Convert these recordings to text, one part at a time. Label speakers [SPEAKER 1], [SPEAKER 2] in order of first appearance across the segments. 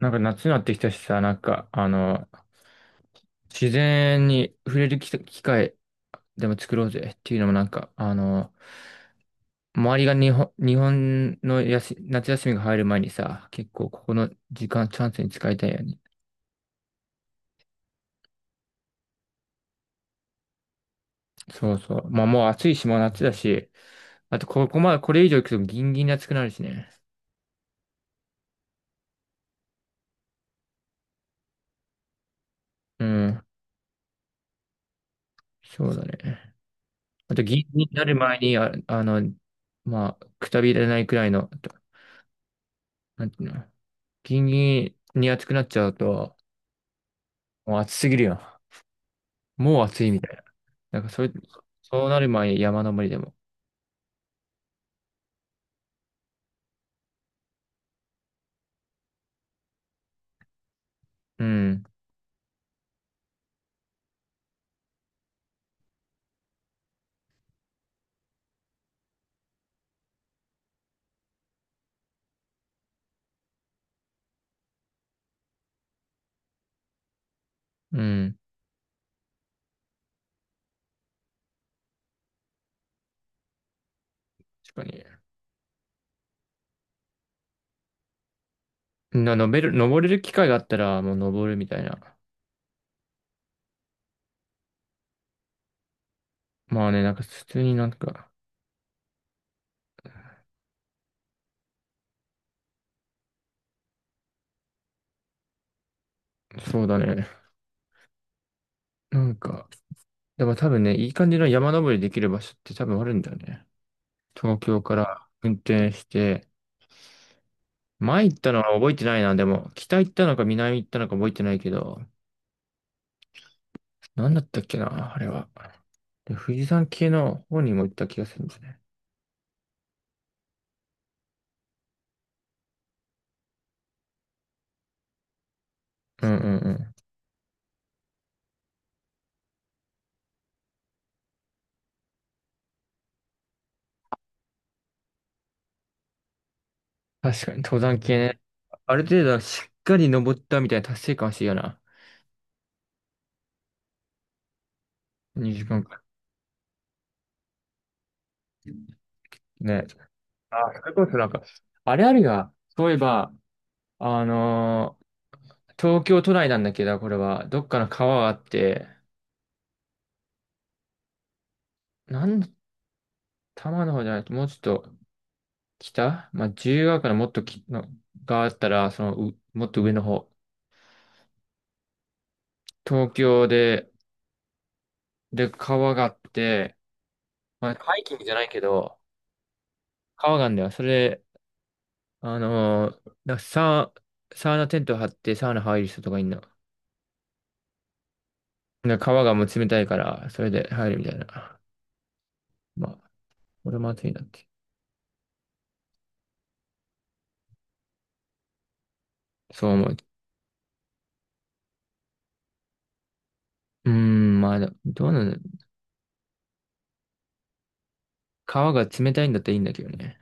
[SPEAKER 1] 夏になってきたしさ、自然に触れる機会でも作ろうぜっていうのも周りが日本の夏休みが入る前にさ、結構ここの時間チャンスに使いたいよね。そうそう。まあもう暑いし、もう夏だし、あとここまでこれ以上行くとギンギンに暑くなるしね。うん、そうだね。あとギンギンになる前に、まあ、くたびれないくらいの、となんていうの、ギンギンに暑くなっちゃうと、もう暑すぎるよ。もう暑いみたいな。なんかそういう、そうなる前、山登りでも。うん、うん。確かに。登れる機会があったら、もう登るみたいな。まあね、なんか普通になんか、そうだね。なんか、でも多分ね、いい感じの山登りできる場所って多分あるんだよね。東京から運転して、前行ったのは覚えてないな、でも、北行ったのか南行ったのか覚えてないけど、なんだったっけな、あれは。で、富士山系の方にも行った気がするんですね。うんうんうん。確かに登山系ね。ある程度しっかり登ったみたいな達成感欲しいよな。2時間か。ね。あ、それこそなんか、あれあるが、そういえば、あのー東京都内なんだけど、これは、どっかの川があって、多摩の方じゃないと、もうちょっと北まあ、自由が丘のもっときの、があったら、その、うもっと上の方。東京で、で、川があって、まあ、ハイキングじゃないけど、川があるんだよ。それサー、サウナテント張ってサウナ入る人とかいんな。で川がもう冷たいから、それで入るみたいな。まあ、俺も暑いなって。そう思う。うーん、まあ、どうなの。川が冷たいんだったらいいんだけどね。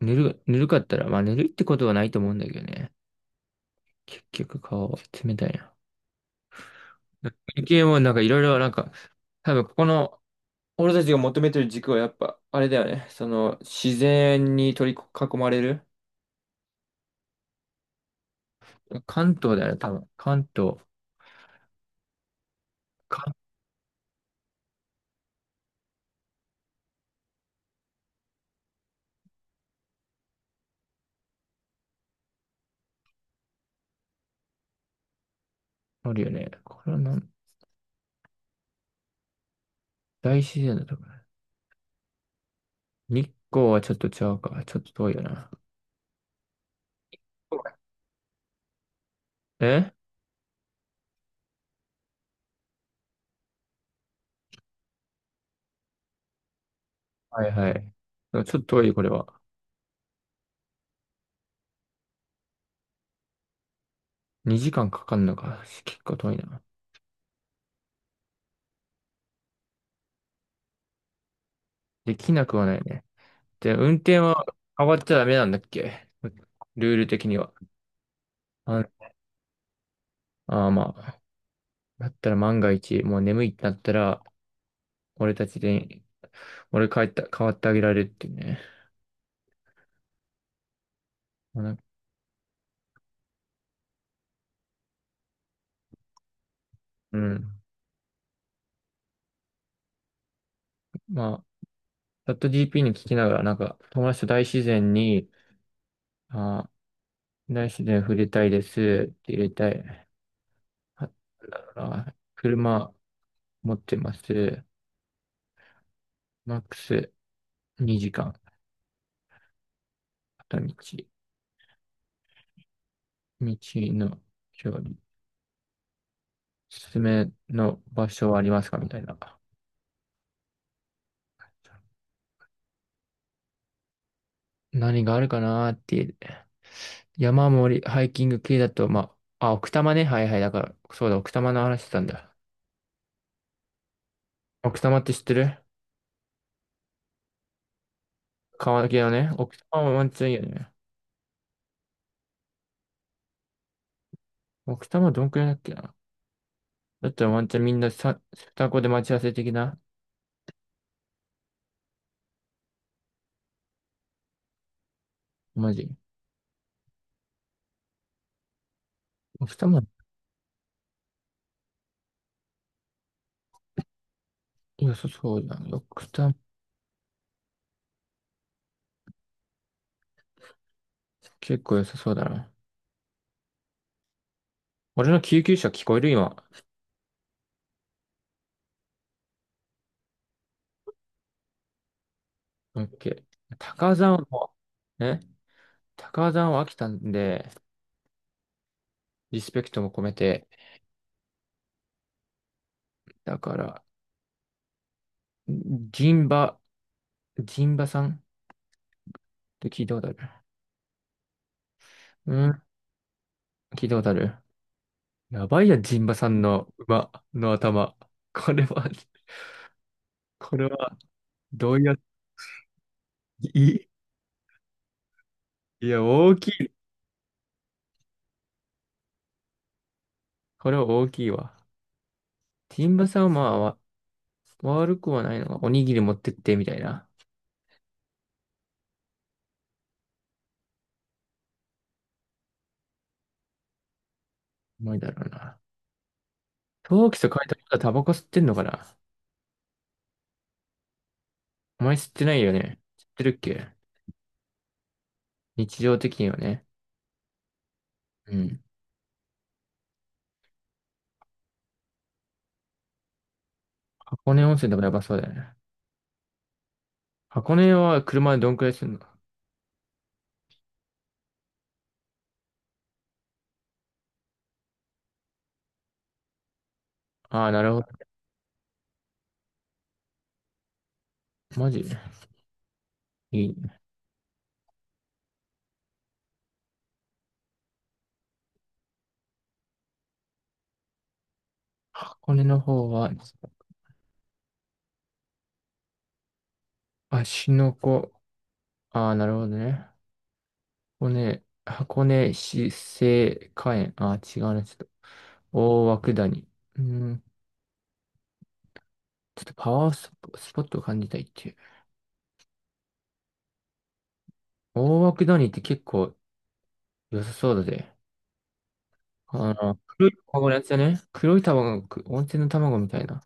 [SPEAKER 1] ぬるかったら、まあ、ぬるいってことはないと思うんだけどね。結局、川は冷たいな。関係もなんかいろいろなんか、多分ここの、俺たちが求めてる軸はやっぱ、あれだよね。その、自然に取り囲まれる。関東だよね、多分。関東。あるよね。これはなん、大自然だとかね。日光はちょっとちゃうか。ちょっと遠いよな。えはいはい。ちょっと遠い、これは。2時間かかるのか。結構遠いな。できなくはないね。で、運転は変わっちゃダメなんだっけ。ルール的には。あ、あーまあ。だったら万が一、もう眠いってなったら、俺たちで、俺帰った、変わってあげられるっていうね。まあなんかうん。まあ、チャット GP に聞きながら、なんか、友達と大自然に、あー大自然触れたいです。入れたい。あ、なんだろうな。車持ってます。マックス2時間。片道。道の距離。おすすめの場所はありますかみたいな。何があるかなーっていう。山盛り、ハイキング系だと、まあ、あ、奥多摩ね。はいはい。だから、そうだ、奥多摩の話してたんだ。奥多摩って知ってる。川崎のね。奥多摩はワンチャンいいよね。奥多摩どんくらいだっけな。だったらワンチャンみんなさ、双子で待ち合わせ的な。マジ。奥も良さそうだな。ドクタ結構良さそうだな。俺の救急車聞こえる今。オッケー。高尾山を、ね、高尾山は飽きたんで、リスペクトも込めて、だから、ジンバ、ジンバさんって聞いたことある？うん、聞いたことある。やばいや、ジンバさんの馬の頭。これは、これは、どうやって、いいいや、大きい。これは大きいわ。ジンバさんはまあ、悪くはないのが、おにぎり持ってって、みたいな。重いだろうな。陶器と書いてあることはタバコ吸ってんのかな。お前吸ってないよね。吸ってるっけ。日常的にはね。うん。箱根温泉とかやばそうだよね。箱根は車でどんくらいするの。ああー、なるほど。マジいい。箱根の方は、芦ノ湖。ああ、なるほどね。箱根、箱根市生花園。ああ、違うね。ちょっと。大涌谷。うん。ちょっとパワースポットを感じたいっていう。大涌谷って結構良さそうだぜ。あの、黒い卵のやつだね。黒い卵、温泉の卵みたいな。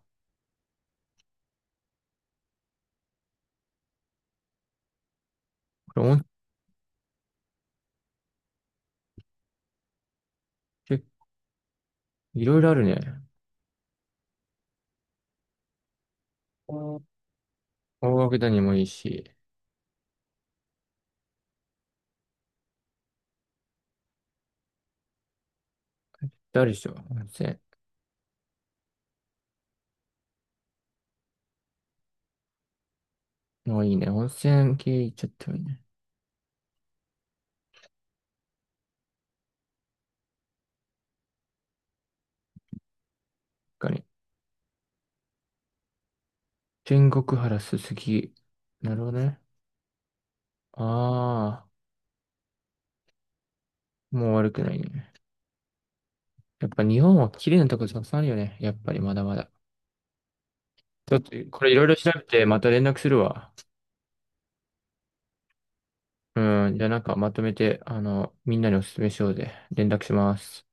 [SPEAKER 1] これ温泉、いろいろあるね。うん大涌谷もいいし、あるでしょ、温泉。もういいね。温泉系行っちゃってもいいね。他に。天国原すすき。なるほどね。ああ、もう悪くないね。やっぱ日本は綺麗なとこたくさんあるよね。やっぱりまだまだ。ちょっと、これいろいろ調べてまた連絡するわ。うん、じゃあなんかまとめて、あの、みんなにお勧めしようぜ。連絡します。